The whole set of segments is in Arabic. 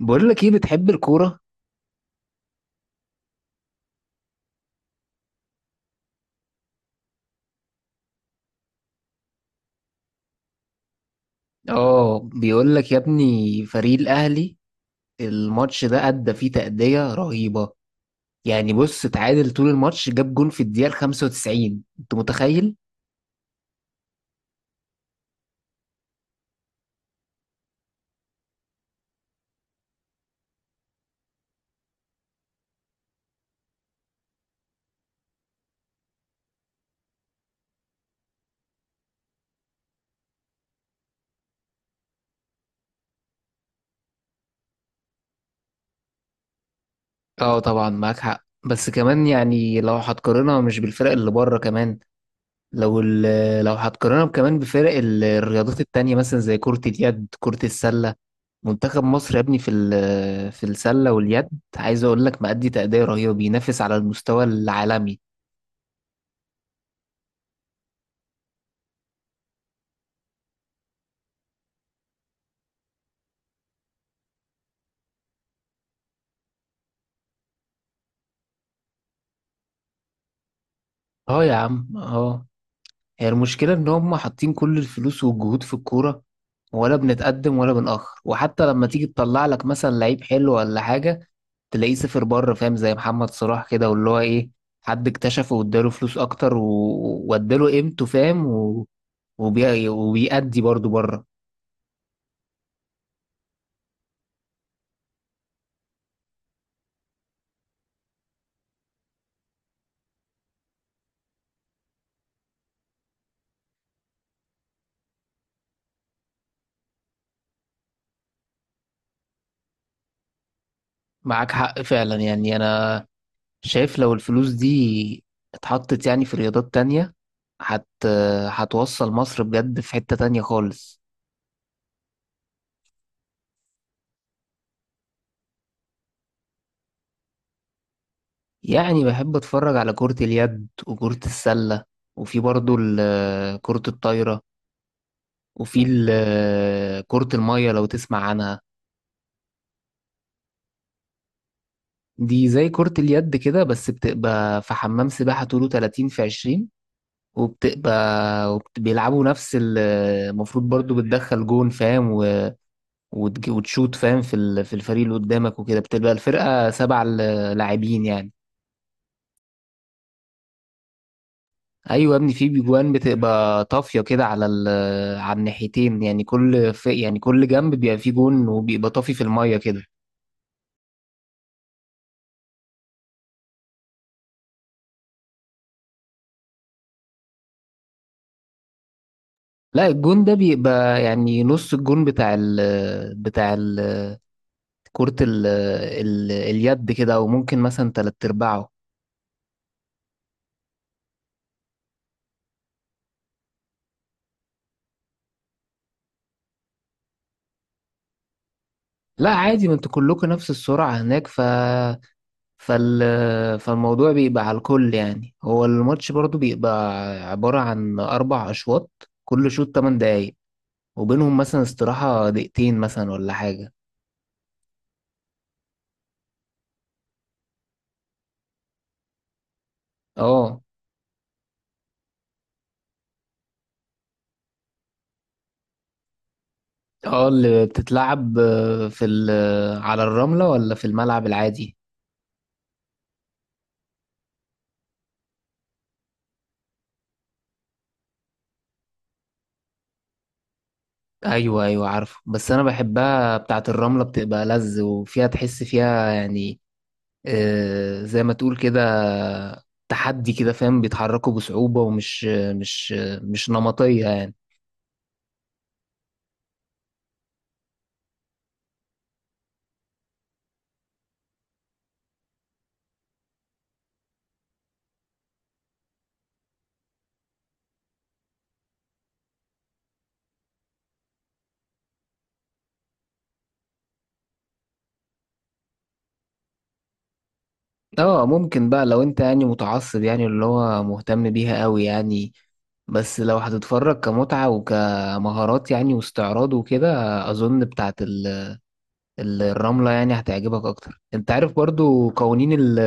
بقول لك ايه، بتحب الكورة؟ اه بيقول لك يا ابني فريق الاهلي الماتش ده ادى فيه تأدية رهيبة. يعني بص اتعادل طول الماتش، جاب جون في الدقيقة ال 95، انت متخيل؟ اه طبعا معاك حق، بس كمان يعني لو هتقارنها مش بالفرق اللي بره، كمان لو لو هتقارنها كمان بفرق الرياضات التانية مثلا زي كرة اليد، كرة السلة. منتخب مصر يا ابني في في السلة واليد، عايز اقول لك مأدي تأدية رهيبة، بينافس على المستوى العالمي. اه يا عم اه، هي المشكلة ان هم حاطين كل الفلوس والجهود في الكورة، ولا بنتقدم ولا بنأخر. وحتى لما تيجي تطلع لك مثلا لعيب حلو ولا حاجة تلاقيه صفر بره، فاهم؟ زي محمد صلاح كده، واللي هو ايه، حد اكتشفه واداله فلوس اكتر واداله قيمته، فاهم؟ وبيأدي برضه بره. معاك حق فعلا، يعني انا شايف لو الفلوس دي اتحطت يعني في رياضات تانية هت... هتوصل مصر بجد في حتة تانية خالص. يعني بحب اتفرج على كرة اليد وكرة السلة، وفي برضو كرة الطايرة، وفي كرة المية، لو تسمع عنها. دي زي كرة اليد كده، بس بتبقى في حمام سباحة طوله 30 في 20، بيلعبوا نفس المفروض برضو بتدخل جون، فاهم؟ و- وتشوت فاهم في في الفريق اللي قدامك وكده، بتبقى الفرقة سبع لاعبين يعني. ايوه يا ابني في بيجوان بتبقى طافيه كده على ال آه، على الناحيتين، يعني كل في، يعني كل جنب بيبقى فيه جون، وبيبقى طافي في الميه كده. لا الجون ده بيبقى يعني نص الجون بتاع ال آه، بتاع ال آه، كرة ال آه، ال آه، اليد كده، او ممكن مثلا تلات ارباعه. لا عادي، ما انتوا كلكم نفس السرعه هناك، ف فال فالموضوع بيبقى على الكل يعني. هو الماتش برضو بيبقى عباره عن اربع اشواط، كل شوط 8 دقايق، وبينهم مثلا استراحة دقيقتين مثلا ولا حاجة. اه اه، اللي بتتلعب في على الرملة ولا في الملعب العادي؟ ايوه ايوه عارفه، بس انا بحبها بتاعة الرملة، بتبقى لذ وفيها تحس فيها يعني، زي ما تقول كده تحدي كده، فاهم؟ بيتحركوا بصعوبة، ومش مش نمطية يعني. اه ممكن بقى لو انت يعني متعصب، يعني اللي هو مهتم بيها قوي يعني، بس لو هتتفرج كمتعة وكمهارات يعني واستعراض وكده، اظن بتاعت الرملة يعني هتعجبك اكتر. انت عارف برضو قوانين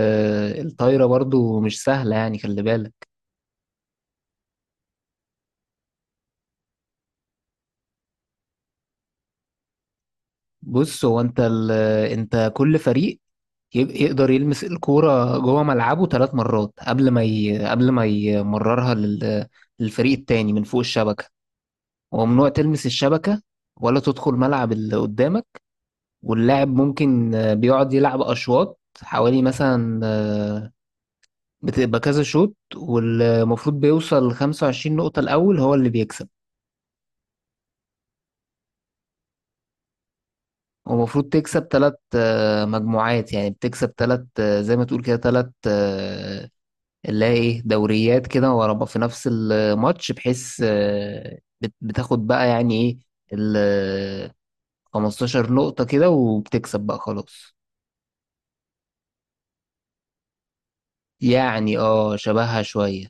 الطايرة برضو مش سهلة يعني، خلي بالك. بص هو انت كل فريق ي- يقدر يلمس الكورة جوه ملعبه ثلاث مرات قبل ما يمررها للفريق التاني من فوق الشبكة، وممنوع تلمس الشبكة ولا تدخل ملعب اللي قدامك. واللاعب ممكن بيقعد يلعب أشواط، حوالي مثلا بتبقى كذا شوط، والمفروض بيوصل لخمسة وعشرين نقطة الأول هو اللي بيكسب. ومفروض تكسب تلات مجموعات، يعني بتكسب تلات زي ما تقول كده تلات اللي هي ايه، دوريات كده ورا بعض في نفس الماتش، بحيث بتاخد بقى يعني ايه ال 15 نقطة كده وبتكسب بقى خلاص. يعني اه شبهها شوية.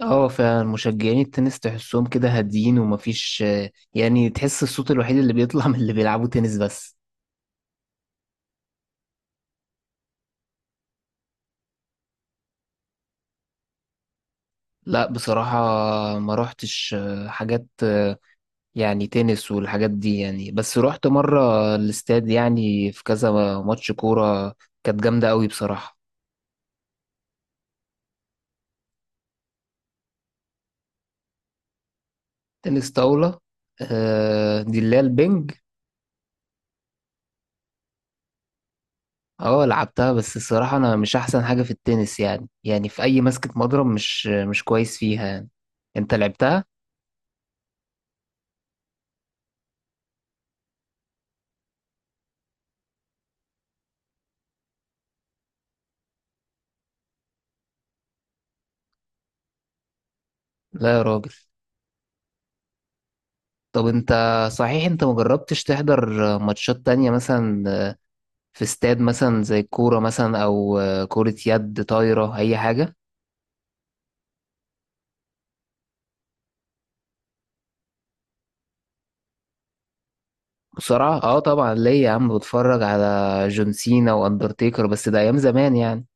اه فعلا مشجعين التنس تحسهم كده هاديين، ومفيش يعني تحس الصوت الوحيد اللي بيطلع من اللي بيلعبوا تنس بس. لا بصراحة، ما روحتش آه، حاجات آه، يعني تنس والحاجات دي يعني، بس روحت مرة الاستاد يعني في كذا ماتش كورة، كانت جامدة قوي بصراحة. تنس طاولة، دي اللي هي البنج. اه لعبتها، بس الصراحة أنا مش أحسن حاجة في التنس يعني، يعني في أي مسكة مضرب مش مش كويس فيها يعني. أنت لعبتها؟ لا يا راجل. طب أنت، صحيح أنت مجربتش تحضر ماتشات تانية مثلا في استاد، مثلا زي الكورة مثلا، أو كرة يد، طايرة، أي حاجة؟ بسرعة؟ اه طبعا ليا يا عم، بتفرج على جون سينا وأندرتيكر، بس ده أيام زمان يعني.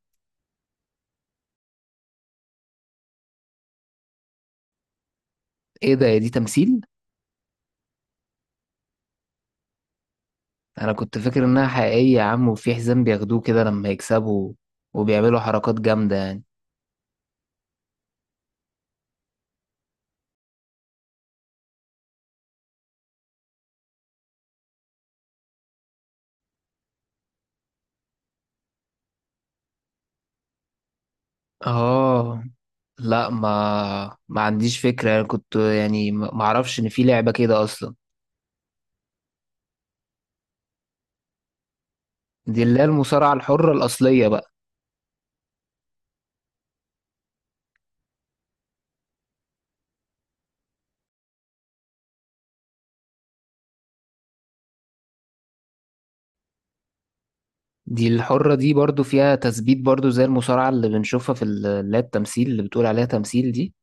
إيه ده يا دي تمثيل؟ أنا كنت فاكر إنها حقيقية يا عم، وفي حزام بياخدوه كده لما يكسبوا، وبيعملوا حركات جامدة يعني. اه لا، ما عنديش فكرة يعني، كنت يعني ما اعرفش ان في لعبة كده اصلا. دي اللي هي المصارعة الحرة الاصلية بقى. دي الحرة دي برضو فيها تثبيت برضو، زي المصارعة اللي بنشوفها في اللي هي التمثيل، اللي بتقول عليها تمثيل دي.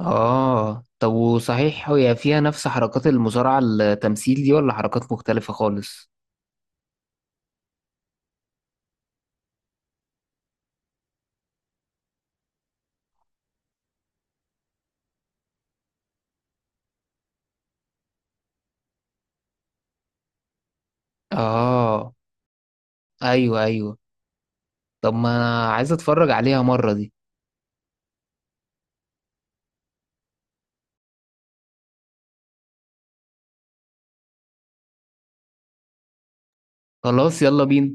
اه طب وصحيح هي فيها نفس حركات المصارعة التمثيل دي، ولا حركات مختلفة خالص؟ اه ايوه ايوه، طب ما انا عايز اتفرج عليها مرة دي. خلاص يلا بينا.